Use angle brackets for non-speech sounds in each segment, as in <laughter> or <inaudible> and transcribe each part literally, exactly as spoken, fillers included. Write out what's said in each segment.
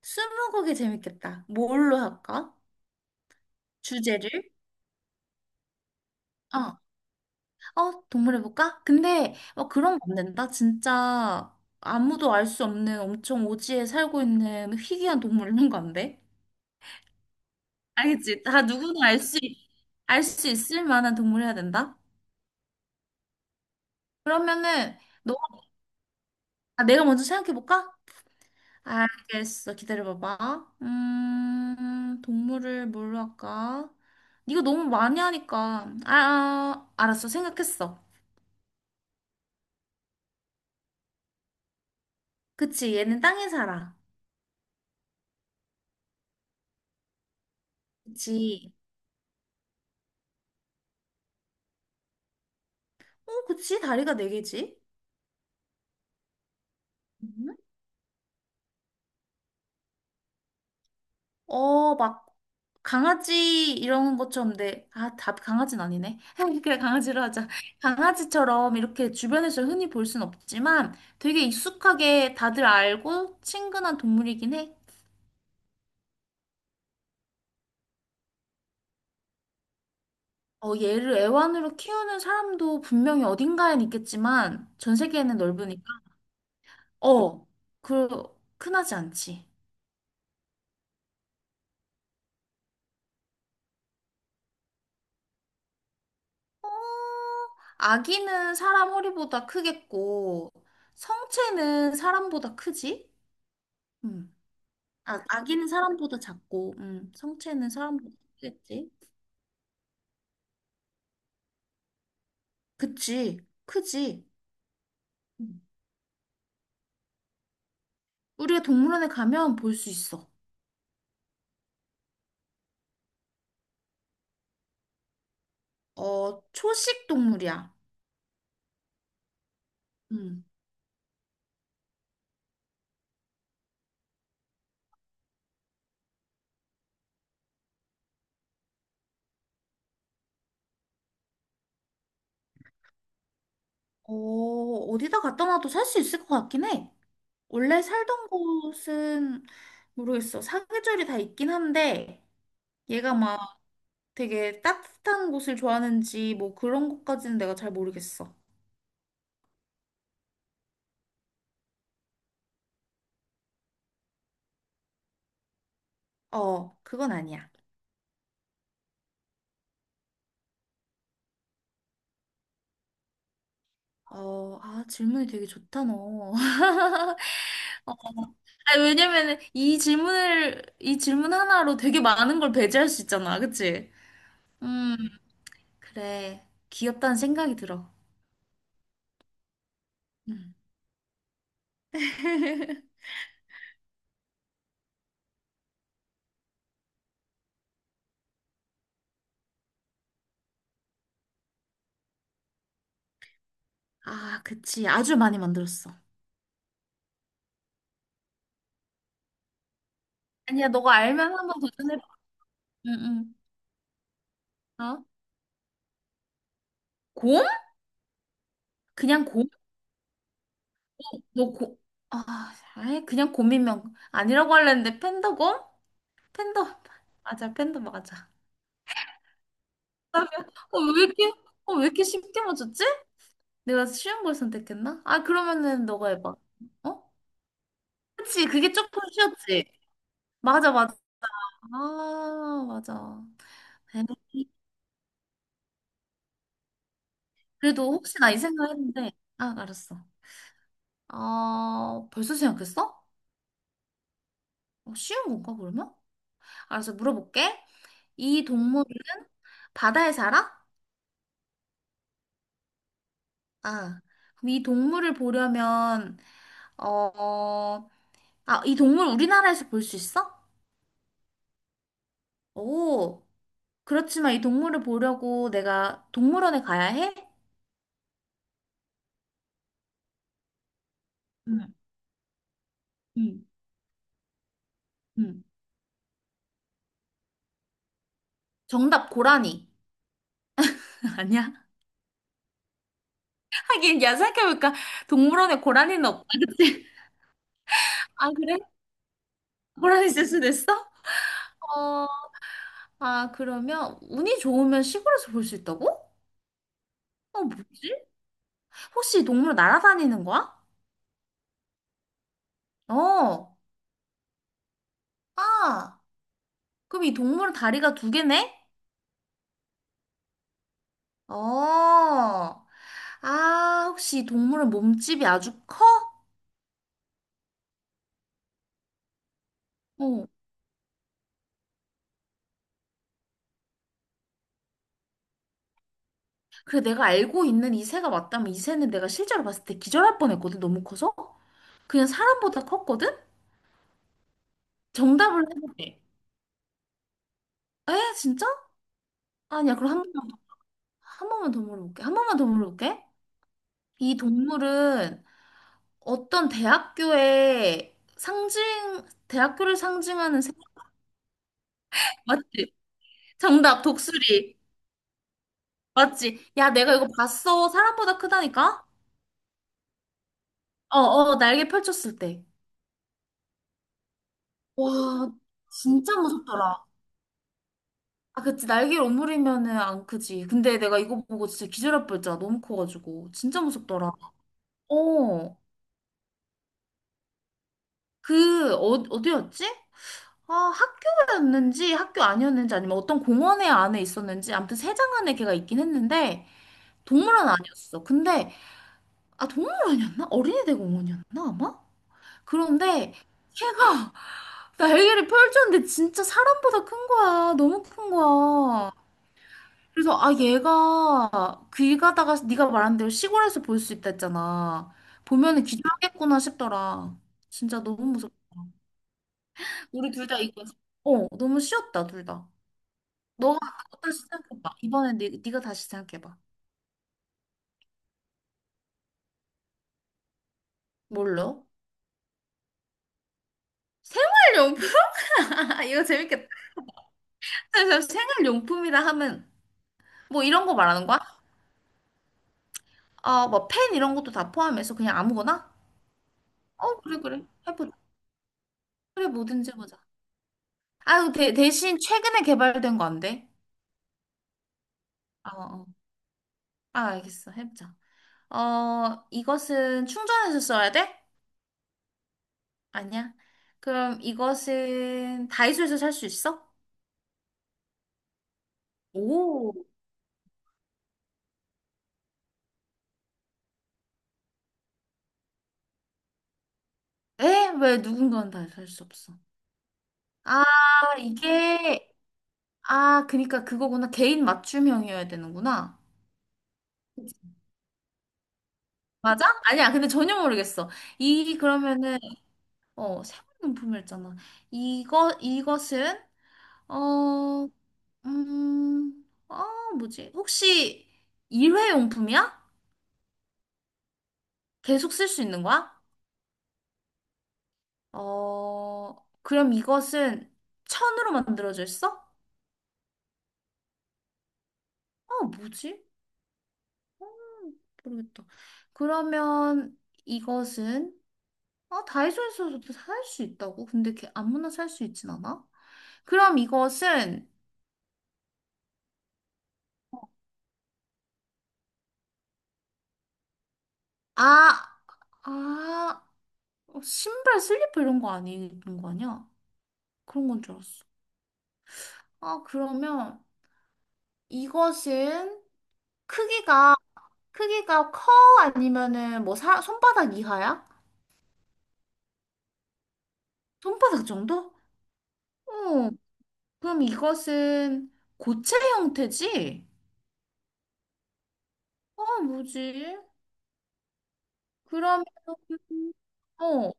스무고개 재밌겠다. 뭘로 할까? 주제를? 어, 어, 동물 해볼까? 근데 어, 그런 거 안 된다. 진짜 아무도 알 수 없는 엄청 오지에 살고 있는 희귀한 동물 이런 거 안 돼? 알겠지? 다 누구나 알 수, 알 수 있을 만한 동물 해야 된다? 그러면은 너, 아, 내가 먼저 생각해볼까? 알겠어. 기다려봐봐. 음, 동물을 뭘로 할까? 이거 너무 많이 하니까. 아, 아, 알았어. 생각했어. 그치, 얘는 땅에 살아. 그치. 어, 그치, 다리가 네 개지? 음? 어, 막, 강아지 이런 것처럼 돼. 아, 답 강아지는 아니네. <laughs> 그래, 강아지로 하자. 강아지처럼 이렇게 주변에서 흔히 볼 순 없지만 되게 익숙하게 다들 알고 친근한 동물이긴 해. 어, 얘를 애완으로 키우는 사람도 분명히 어딘가엔 있겠지만 전 세계에는 넓으니까. 어, 그, 흔하지 않지. 어, 아기는 사람 허리보다 크겠고, 성체는 사람보다 크지? 음. 아, 아기는 사람보다 작고, 음, 성체는 사람보다 크겠지? 그치, 크지. 음. 우리가 동물원에 가면 볼 수 있어. 어, 초식 동물이야. 음. 어, 어디다 갖다 놔도 살 수 있을 것 같긴 해. 원래 살던 곳은 모르겠어. 사계절이 다 있긴 한데, 얘가 막 되게 따뜻한 곳을 좋아하는지 뭐 그런 것까지는 내가 잘 모르겠어. 어, 그건 아니야. 어, 아, 질문이 되게 좋다, 너. <laughs> 아, 왜냐면 이 질문을, 이 질문 하나로 되게 많은 걸 배제할 수 있잖아. 그치? 음, 그래. 귀엽다는 생각이 들어. 음. <laughs> 아, 그치. 아주 많이 만들었어. 아니야, 너가 알면 한번 도전해봐. 응, 응. 어? 곰? 그냥 곰? 너 곰? 아, 아이, 그냥 곰이면 아니라고 하려는데 팬더곰? 팬더 맞아, 팬더 맞아. 그다음에 어왜 이렇게 어왜 이렇게 쉽게 맞췄지? 내가 쉬운 걸 선택했나? 아, 그러면은 너가 해봐. 어? 그치, 그게 조금 쉬웠지. 맞아 맞아, 아 맞아. 베네. 그래도 혹시 나 이 생각했는데, 아 알았어. 어, 벌써 생각했어? 어, 쉬운 건가 그러면? 알았어, 물어볼게. 이 동물은 바다에 살아? 아, 그럼 이 동물을 보려면, 어, 아, 이 동물 우리나라에서 볼 수 있어? 오, 그렇지만 이 동물을 보려고 내가 동물원에 가야 해? 응, 응, 응. 정답, 고라니. <laughs> 아니야? 하긴, 야, 생각해니까 동물원에 고라니는 없다, 그치? <laughs> 아, 그래? 고라니 있을 수도 있어? 어, 아, 그러면 운이 좋으면 시골에서 볼 수 있다고? 어, 뭐지? 혹시 이 동물 날아다니는 거야? 어, 아, 그럼 이 동물은 다리가 두 개네? 어. 아, 혹시 이 동물은 몸집이 아주 커? 어. 그래, 내가 알고 있는 이 새가 맞다면 이 새는 내가 실제로 봤을 때 기절할 뻔했거든, 너무 커서. 그냥 사람보다 컸거든? 정답을 해볼게. 에? 진짜? 아니야, 그럼 한 번만, 한 번만 더 물어볼게. 한 번만 더 물어볼게. 이 동물은 어떤 대학교의 상징, 대학교를 상징하는 새? 맞지? 정답, 독수리. 맞지? 야, 내가 이거 봤어. 사람보다 크다니까? 어, 어, 날개 펼쳤을 때. 와, 진짜 무섭더라. 아, 그치. 날개를 오므리면은 안 크지. 근데 내가 이거 보고 진짜 기절할 뻔했잖아. 너무 커가지고. 진짜 무섭더라. 어. 그, 어, 어디였지? 아, 학교였는지 학교 아니었는지 아니면 어떤 공원에 안에 있었는지 아무튼 세장 안에 걔가 있긴 했는데 동물원 아니었어. 근데 아, 동물원이었나? 어린이대공원이었나 아마? 그런데 걔가 <laughs> 날개를 펼쳤는데 진짜 사람보다 큰 거야. 너무 큰 거야. 그래서 아, 얘가 길 가다가 네가 말한 대로 시골에서 볼 수 있다 했잖아. 보면은 기절하겠구나 싶더라. 진짜 너무 무섭다. 우리 둘 다 이거, 어, 너무 쉬웠다 둘 다. 너가 다시 생각해봐. 이번에 네, 네가 다시 생각해봐. 뭘로? 생활용품. <laughs> 이거 재밌겠다. 그래서 생활용품이라 하면 뭐 이런 거 말하는 거야? 아, 뭐펜 이런 것도 다 포함해서 그냥 아무거나? 어, 그래 그래 해보자. 그래, 뭐든지 보자. 아 대, 대신 최근에 개발된 거 안 돼? 아, 아, 알겠어. 해보자. 어, 이것은 충전해서 써야 돼? 아니야. 그럼 이것은 다이소에서 살 수 있어? 오. 에? 왜 누군가는 다이소 살수 없어? 아, 이게, 아, 그니까 그거구나. 개인 맞춤형이어야 되는구나. 맞아? 아니야. 근데 전혀 모르겠어. 이, 그러면은, 어, 생활용품이었잖아. 이거, 이것은, 어, 음, 어, 뭐지? 혹시 일회용품이야? 계속 쓸 수 있는 거야? 어, 그럼 이것은 천으로 만들어져 있어? 어, 뭐지? 음, 모르겠다. 그러면 이것은, 어, 다이소에서도 살 수 있다고? 근데 걔 아무나 살 수 있진 않아? 그럼 이것은 아, 아, 어, 신발, 슬리퍼 이런 거 아니는 거 아니야? 그런 건 줄 알았어. 아, 그러면 이것은 크기가 크기가 커 아니면은 뭐 사, 손바닥 이하야? 손바닥 정도? 어, 그럼 이것은 고체 형태지? 아, 뭐지? 그러면, 어,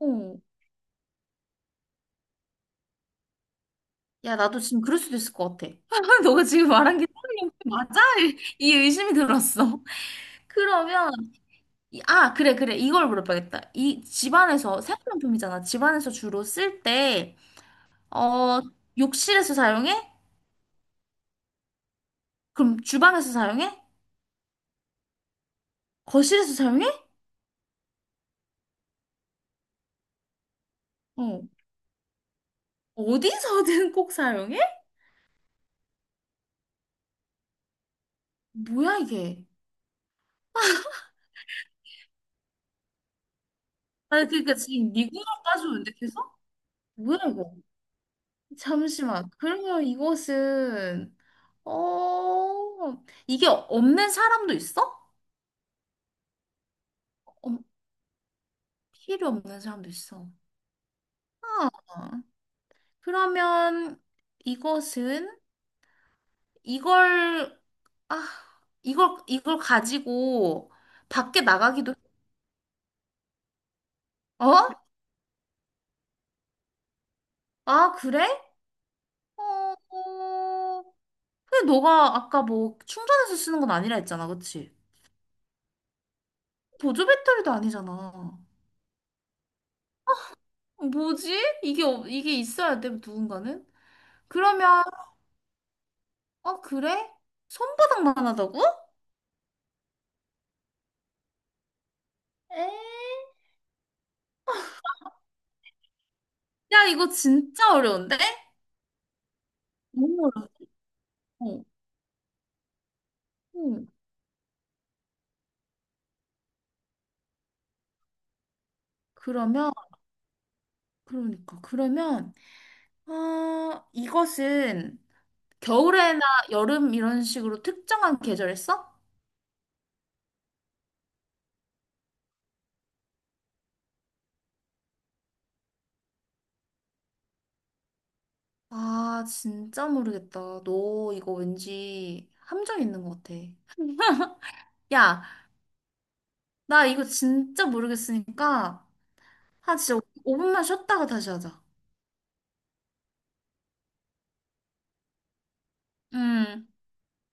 어. 야, 나도 지금 그럴 수도 있을 것 같아. <laughs> 너가 지금 말한 게 사람 형태 맞아? <laughs> 이 의심이 들었어. <laughs> 그러면, 이- 아, 그래, 그래. 이걸 물어봐야겠다. 이 집안에서, 생활용품이잖아. 집안에서 주로 쓸 때, 어, 욕실에서 사용해? 그럼 주방에서 사용해? 거실에서 사용해? 어. 어디서든 <laughs> 꼭 사용해? 뭐야, 이게? 아 그러니까 지금 미국으로 따지는데 계속? 뭐야 이거? 잠시만. 그러면 이것은, 어, 이게 없는 사람도 있어? 어, 필요 없는 사람도 있어. 아, 그러면 이것은 이걸 아 이걸 이걸 가지고 밖에 나가기도. 어? 아 그래? 어, 어, 근데 너가 아까 뭐 충전해서 쓰는 건 아니라 했잖아, 그치? 보조 배터리도 아니잖아. 어, 뭐지? 이게, 없- 이게 있어야 돼, 누군가는? 그러면, 어, 그래? 손바닥만 하다고? 에? 야, 이거 진짜 어려운데? 너무 어려워. 응. 그러면, 그러니까, 그러면, 아, 이것은 겨울에나 여름 이런 식으로 특정한 계절 했어? 아, 진짜 모르겠다. 너 이거 왠지 함정 있는 것 같아. <laughs> 야, 나 이거 진짜 모르겠으니까, 한 진짜 오 분만 쉬었다가 다시 하자. 음.